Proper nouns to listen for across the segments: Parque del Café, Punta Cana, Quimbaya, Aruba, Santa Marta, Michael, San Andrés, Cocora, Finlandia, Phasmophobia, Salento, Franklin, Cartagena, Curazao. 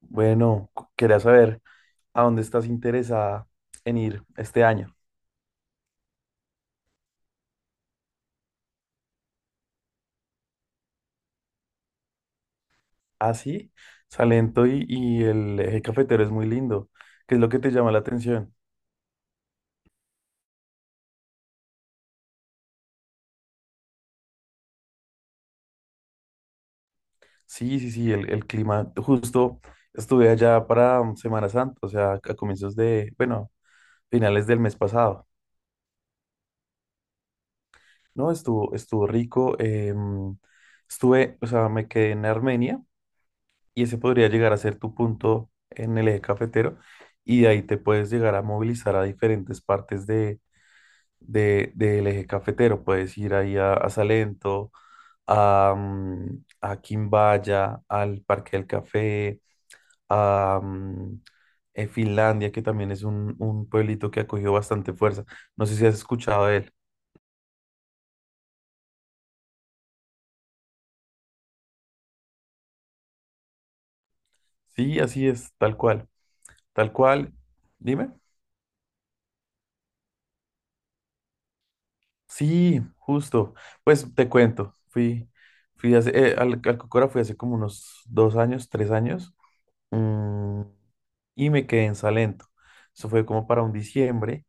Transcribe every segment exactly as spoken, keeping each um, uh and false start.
Bueno, cu- quería saber a dónde estás interesada en ir este año. Ah, sí, Salento y, y el eje cafetero es muy lindo. ¿Qué es lo que te llama la atención? Sí, sí, sí, el, el clima. Justo estuve allá para um, Semana Santa, o sea, a comienzos de, bueno, finales del mes pasado, ¿no? Estuvo, estuvo rico. Em, estuve, o sea, me quedé en Armenia y ese podría llegar a ser tu punto en el eje cafetero y de ahí te puedes llegar a movilizar a diferentes partes de de, del eje cafetero. Puedes ir ahí a, a Salento, a, mm, a Quimbaya, al Parque del Café, a mm, eh, Finlandia, que también es un, un pueblito que ha cogido bastante fuerza. No sé si has escuchado de él. Sí, así es, tal cual, tal cual. Dime. Sí, justo. Pues te cuento, fui, fui hace, eh, al, al Cocora fui hace como unos dos años, tres años. mm, y me quedé en Salento. Eso fue como para un diciembre.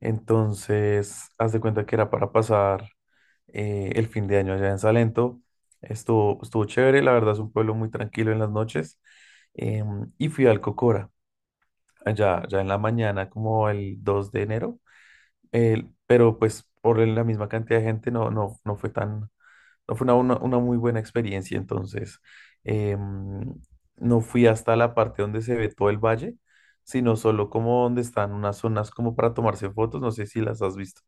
Entonces, haz de cuenta que era para pasar eh, el fin de año allá en Salento. Estuvo, estuvo chévere, la verdad es un pueblo muy tranquilo en las noches. Em, y fui al Cocora, allá, ya en la mañana, como el dos de enero. El- pero pues por la misma cantidad de gente no, no, no fue tan, no fue una, una- una muy buena experiencia, entonces em, no fui hasta la parte donde se ve todo el valle, sino solo como donde están unas zonas como para tomarse fotos, no sé si las has visto.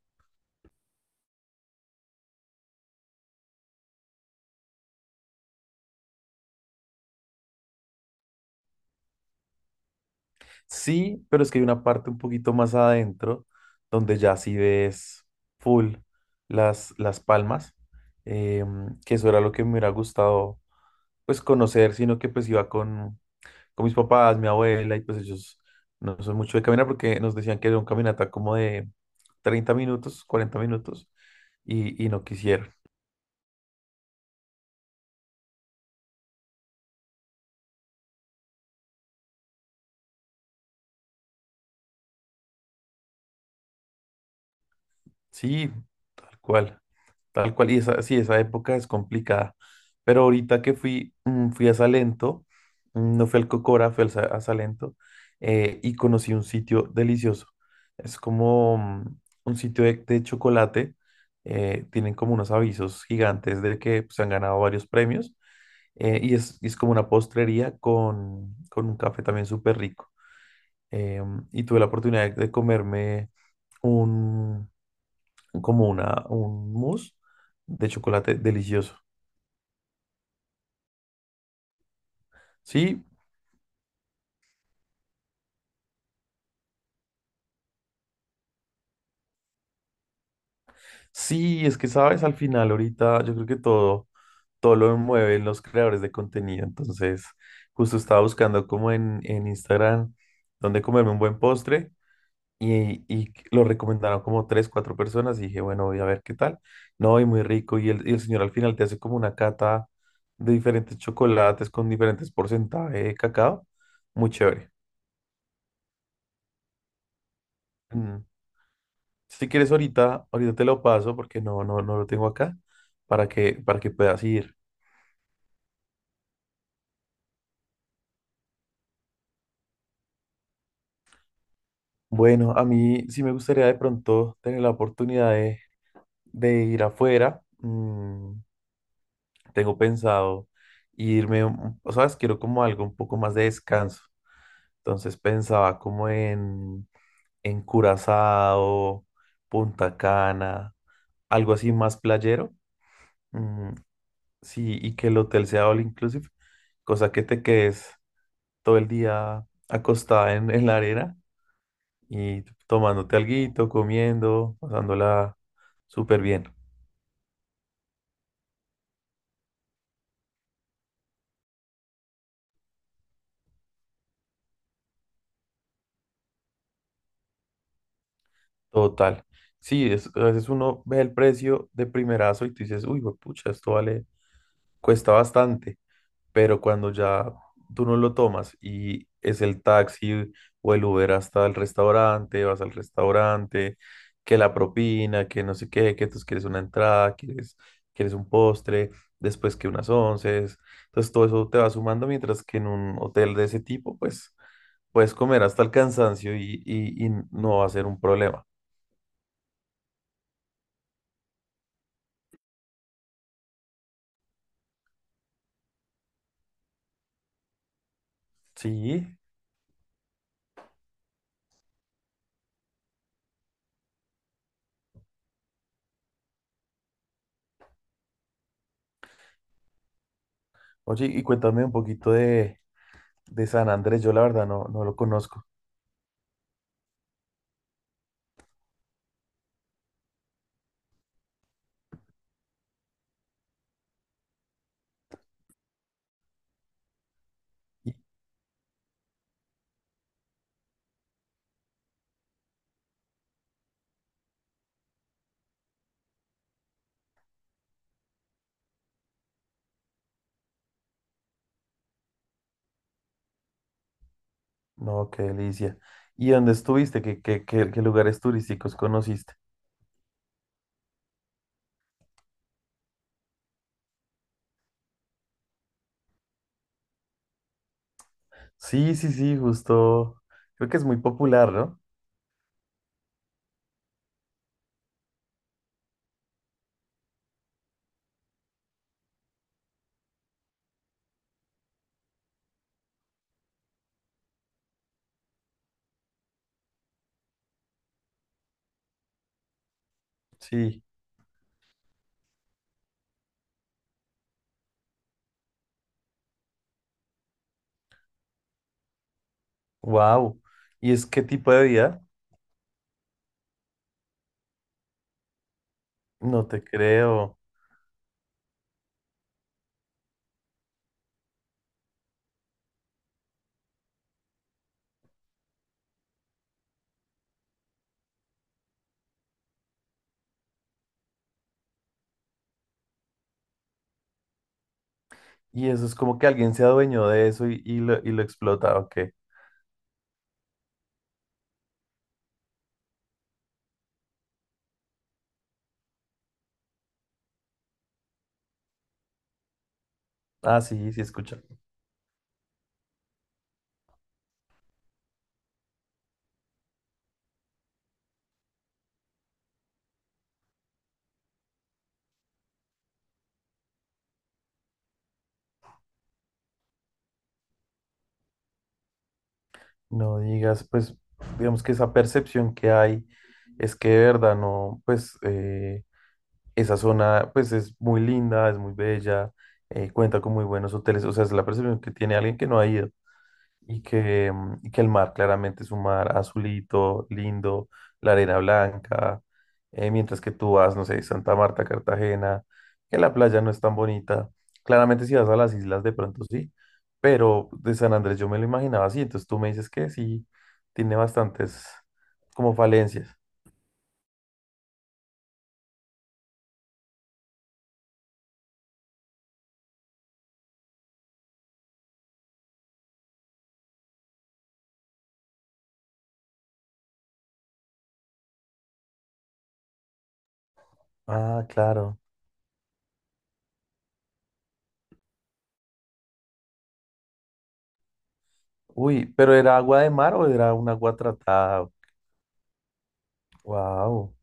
Sí, pero es que hay una parte un poquito más adentro donde ya sí ves full las, las palmas, em, que eso era lo que me hubiera gustado pues conocer, sino que pues iba con, con mis papás, mi abuela, y pues ellos no son mucho de caminar porque nos decían que era un caminata como de treinta minutos, cuarenta minutos, y, y no quisieron. Sí, tal cual, tal cual. Y esa, sí, esa época es complicada. Pero ahorita que fui, mm, fui a Salento, mm, no fui al Cocora, fui al Sa- a Salento, eh, y conocí un sitio delicioso. Es como mm, un sitio de, de chocolate. Eh, tienen como unos avisos gigantes de que se han ganado varios premios. Eh, y es, y es como una postrería con, con un café también súper rico. Em, y tuve la oportunidad de comerme como una, un mousse de chocolate delicioso. Sí, sí, es que sabes, al final ahorita yo creo que todo, todo lo mueven los creadores de contenido. Entonces, justo estaba buscando como en, en Instagram dónde comerme un buen postre y, y lo recomendaron como tres, cuatro personas y dije, bueno, voy a ver qué tal. No, y muy rico. Y el, y el señor al final te hace como una cata de diferentes chocolates con diferentes porcentajes de cacao. Muy chévere. Mm. Si quieres ahorita, ahorita te lo paso porque no, no, no lo tengo acá para que, para que puedas ir. Bueno, a mí sí me gustaría de pronto tener la oportunidad de, de ir afuera. Mm, tengo pensado irme, un- o sabes, quiero como algo un poco más de descanso. Entonces pensaba como en, en Curazao, Punta Cana, algo así más playero. Mm, sí, y que el hotel sea all inclusive, cosa que te quedes todo el día acostada en, en la arena y tomándote alguito, comiendo, pasándola súper bien. Total. Sí, es, a veces uno ve el precio de primerazo y tú dices, uy, pucha, esto vale, cuesta bastante. Pero cuando ya tú no lo tomas y es el taxi o el Uber hasta el restaurante, vas al restaurante, que la propina, que no sé qué, que tú quieres una entrada, quieres, quieres un postre, después que unas once, entonces todo eso te va sumando mientras que en un hotel de ese tipo, pues puedes comer hasta el cansancio y, y, y no va a ser un problema. Sí, oye, y cuéntame un poquito de, de San Andrés, yo la verdad no, no lo conozco. No, qué delicia. ¿Y dónde estuviste? ¿Qué, qué, qué, ¿qué lugares turísticos conociste? Sí, sí, sí, justo. Creo que es muy popular, ¿no? Sí. Wow. ¿Y es qué tipo de vida? No te creo. Y eso es como que alguien se adueñó de eso y, y lo, y lo explota, ¿ok? Ah, sí, sí, escucha. No digas, pues, digamos que esa percepción que hay es que de verdad no, pues, eh, esa zona, pues, es muy linda, es muy bella, eh, cuenta con muy buenos hoteles. O sea, es la percepción que tiene alguien que no ha ido. Y que, mm, y que el mar claramente es un mar azulito, lindo, la arena blanca. Eh, mientras que tú vas, no sé, Santa Marta, Cartagena, que la playa no es tan bonita. Claramente, si vas a las islas, de pronto sí. Pero de San Andrés yo me lo imaginaba así. Entonces tú me dices que sí, tiene bastantes como falencias. Ah, claro. Uy, pero era agua de mar o era un agua tratada. Wow,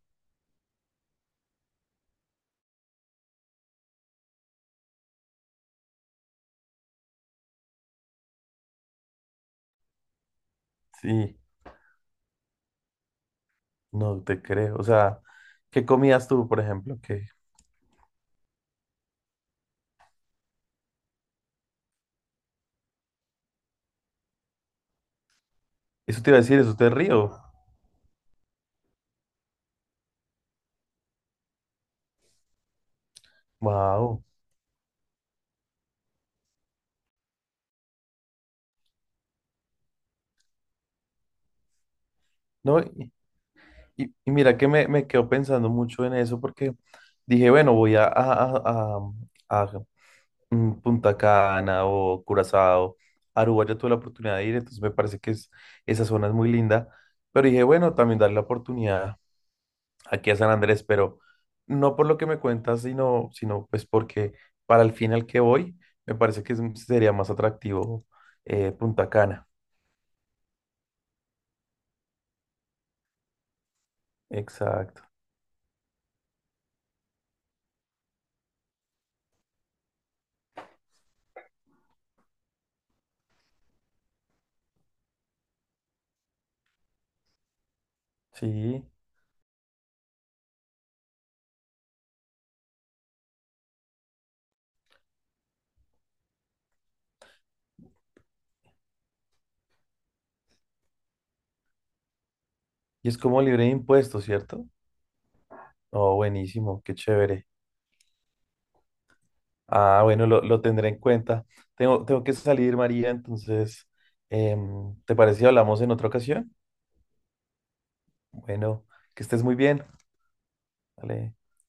sí, no te creo. O sea, ¿qué comías tú, por ejemplo? ¿Qué? Eso te iba a decir, eso te río. Wow. No, y, y- y mira que me, me quedo pensando mucho en eso porque dije, bueno, voy a, a, a- a, a, mm, Punta Cana o Curazao. Aruba ya tuve la oportunidad de ir, entonces me parece que es, esa zona es muy linda. Pero dije, bueno, también darle la oportunidad aquí a San Andrés, pero no por lo que me cuentas, sino, sino pues porque para el fin al que voy, me parece que es- sería más atractivo eh, Punta Cana. Exacto. Sí. Y es como libre de impuestos, ¿cierto? Oh, buenísimo, qué chévere. Ah, bueno, lo, lo tendré en cuenta. Tengo, tengo que salir, María, entonces, em, ¿te parece si hablamos en otra ocasión? Bueno, que estés muy bien. Vale.